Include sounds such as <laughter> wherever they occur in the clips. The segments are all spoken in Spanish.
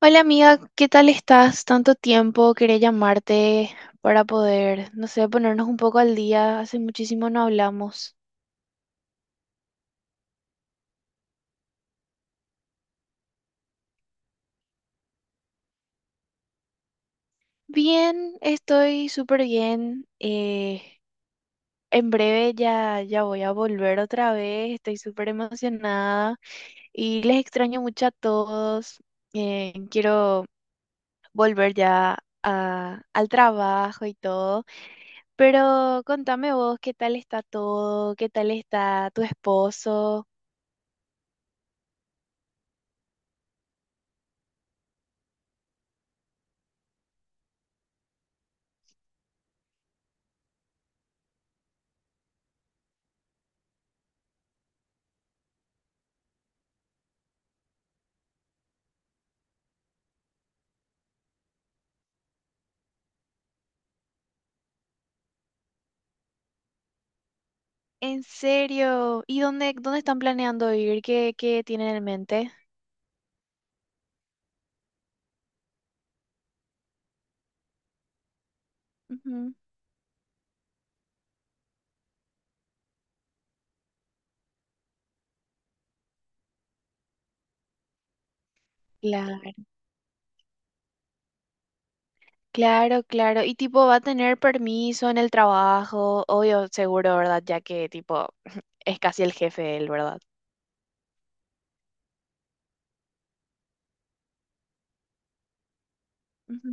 Hola amiga, ¿qué tal estás? Tanto tiempo, quería llamarte para poder, no sé, ponernos un poco al día. Hace muchísimo no hablamos. Bien, estoy súper bien. En breve ya voy a volver otra vez. Estoy súper emocionada y les extraño mucho a todos. Quiero volver ya al trabajo y todo. Pero contame vos, ¿qué tal está todo? ¿Qué tal está tu esposo? ¿En serio? ¿Y dónde están planeando ir? ¿Qué tienen en mente? Ujú. Claro, claro, claro. Y tipo, va a tener permiso en el trabajo, obvio, seguro, ¿verdad? Ya que tipo, <laughs> es casi el jefe él, ¿verdad? Ujú,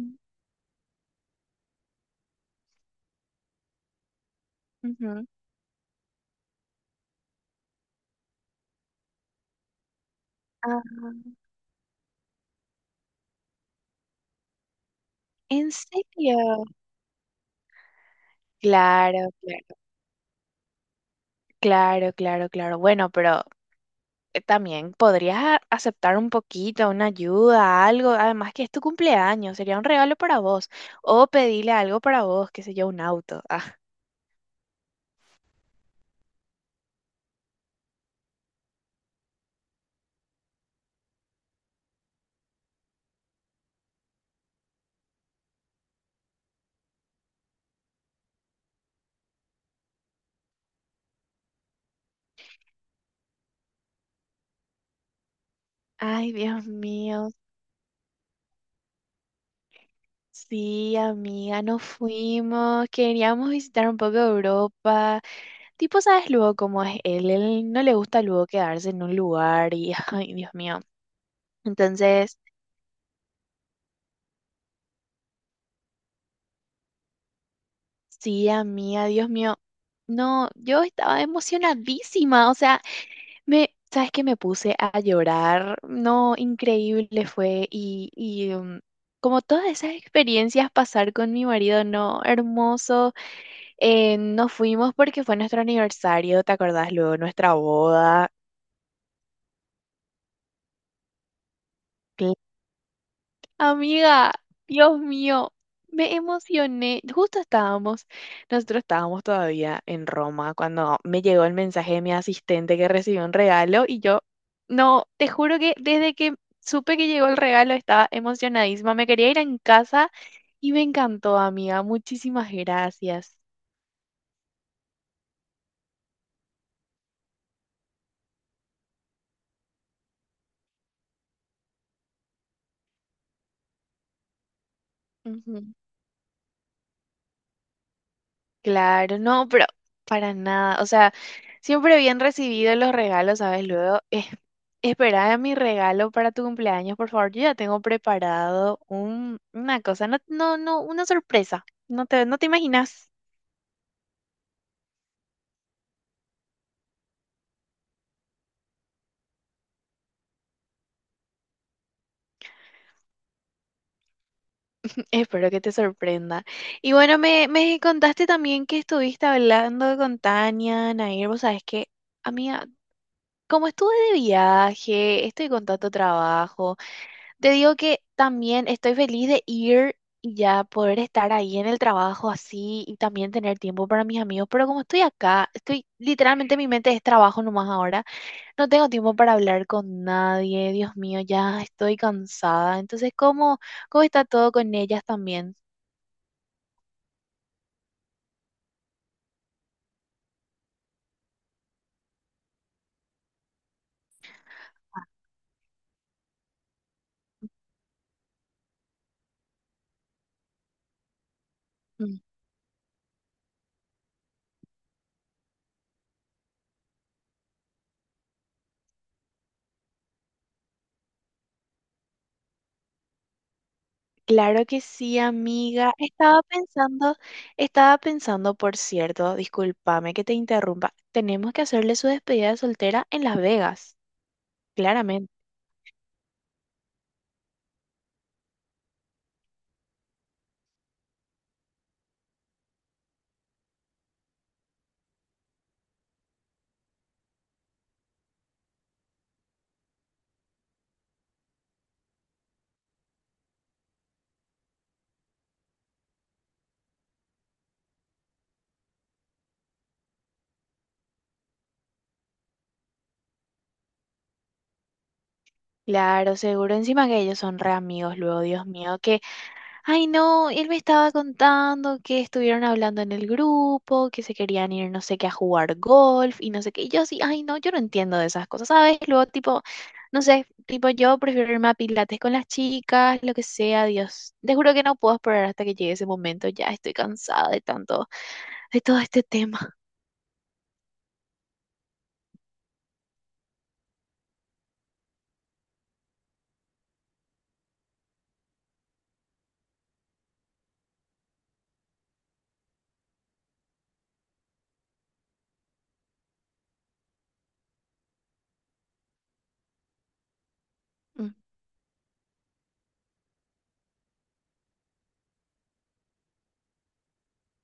ujú. Ah, ¿en serio? Claro, claro, claro, claro, claro. Bueno, pero también podrías aceptar un poquito, una ayuda, algo. Además que es tu cumpleaños, sería un regalo para vos. O pedirle algo para vos, qué sé yo, un auto. <laughs> Ah. Ay, Dios mío. Sí, amiga, nos fuimos. Queríamos visitar un poco Europa. Tipo, ¿sabes luego cómo es él? Él no le gusta luego quedarse en un lugar y, <laughs> ay, Dios mío. Entonces, sí, amiga, Dios mío. No, yo estaba emocionadísima, o sea. ¿Sabes qué? Me puse a llorar. No, increíble fue. Y como todas esas experiencias pasar con mi marido, no, hermoso. Nos fuimos porque fue nuestro aniversario, ¿te acordás luego? Nuestra boda. Amiga, Dios mío, me emocioné. Nosotros estábamos todavía en Roma cuando me llegó el mensaje de mi asistente que recibió un regalo y yo, no, te juro que desde que supe que llegó el regalo estaba emocionadísima. Me quería ir en casa y me encantó, amiga. Muchísimas gracias. Claro, no, pero para nada. O sea, siempre bien recibido los regalos, ¿sabes? Luego, espera mi regalo para tu cumpleaños, por favor. Yo ya tengo preparado una cosa, no, no, no, una sorpresa. No te imaginas. <laughs> Espero que te sorprenda. Y bueno, me contaste también que estuviste hablando con Tania, Nair. Vos sabés que, amiga, como estuve de viaje, estoy con tanto trabajo. Te digo que también estoy feliz de ir y ya poder estar ahí en el trabajo así y también tener tiempo para mis amigos, pero como estoy acá, estoy literalmente mi mente es trabajo nomás ahora, no tengo tiempo para hablar con nadie, Dios mío, ya estoy cansada. Entonces, ¿cómo está todo con ellas también? Mm. Claro que sí, amiga. Estaba pensando, por cierto, discúlpame que te interrumpa, tenemos que hacerle su despedida de soltera en Las Vegas. Claramente. Claro, seguro. Encima que ellos son re amigos luego, Dios mío, que, ay no, él me estaba contando que estuvieron hablando en el grupo, que se querían ir no sé qué a jugar golf y no sé qué. Y yo así, ay no, yo no entiendo de esas cosas, ¿sabes? Luego tipo, no sé, tipo yo prefiero irme a pilates con las chicas, lo que sea, Dios. Te juro que no puedo esperar hasta que llegue ese momento, ya estoy cansada de tanto, de todo este tema. Mm.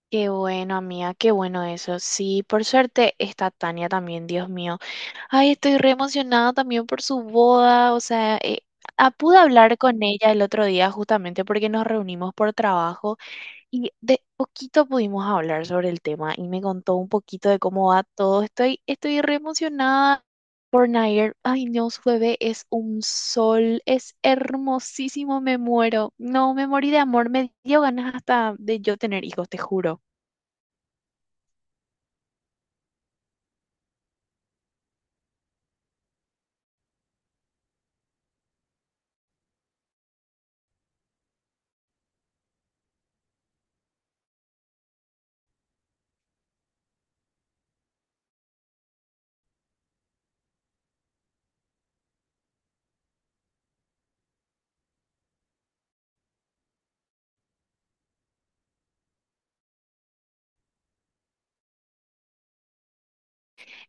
Qué bueno, amiga, qué bueno eso. Sí, por suerte está Tania también, Dios mío. Ay, estoy re emocionada también por su boda. O sea, ah, pude hablar con ella el otro día justamente porque nos reunimos por trabajo y de poquito pudimos hablar sobre el tema y me contó un poquito de cómo va todo. Estoy re emocionada por Nair. Ay, no, su bebé es un sol, es hermosísimo, me muero. No, me morí de amor, me dio ganas hasta de yo tener hijos, te juro.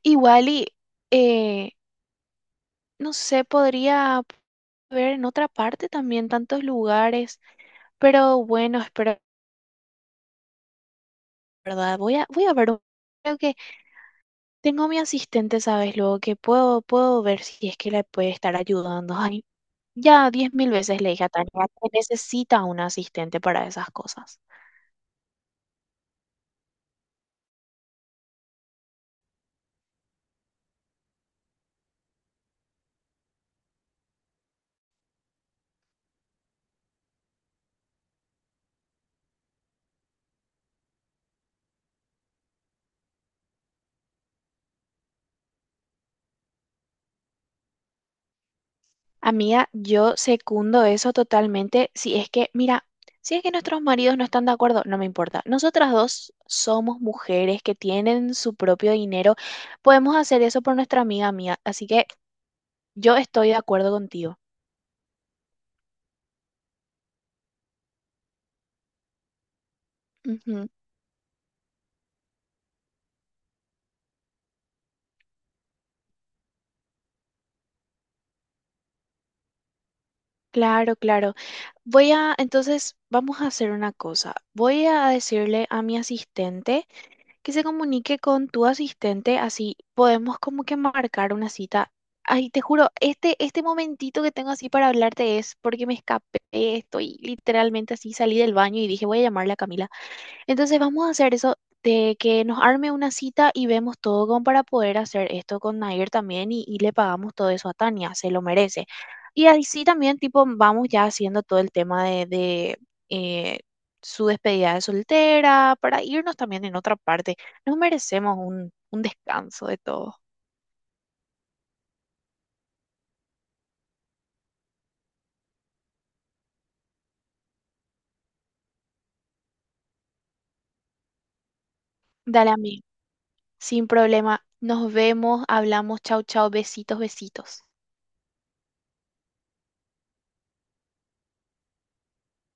Igual y... Wally, no sé, podría ver en otra parte también tantos lugares, pero bueno, espero, ¿verdad? Voy a ver, creo que tengo a mi asistente, ¿sabes? Luego que puedo ver si es que le puede estar ayudando. Ay, ya 10.000 veces le dije a Tania que necesita un asistente para esas cosas. Amiga, yo secundo eso totalmente. Si es que, mira, si es que nuestros maridos no están de acuerdo, no me importa. Nosotras dos somos mujeres que tienen su propio dinero. Podemos hacer eso por nuestra amiga mía. Así que yo estoy de acuerdo contigo. Ujú. Claro, claro. Entonces, vamos a hacer una cosa. Voy a decirle a mi asistente que se comunique con tu asistente, así podemos como que marcar una cita. Ay, te juro, este momentito que tengo así para hablarte es porque me escapé, estoy literalmente así, salí del baño y dije, voy a llamarle a Camila. Entonces vamos a hacer eso de que nos arme una cita y vemos todo como para poder hacer esto con Nair también y le pagamos todo eso a Tania, se lo merece. Y así también tipo vamos ya haciendo todo el tema de, eh, su despedida de soltera para irnos también en otra parte. Nos merecemos un descanso de todo. Dale a mí, sin problema. Nos vemos, hablamos, chau, chau, besitos, besitos.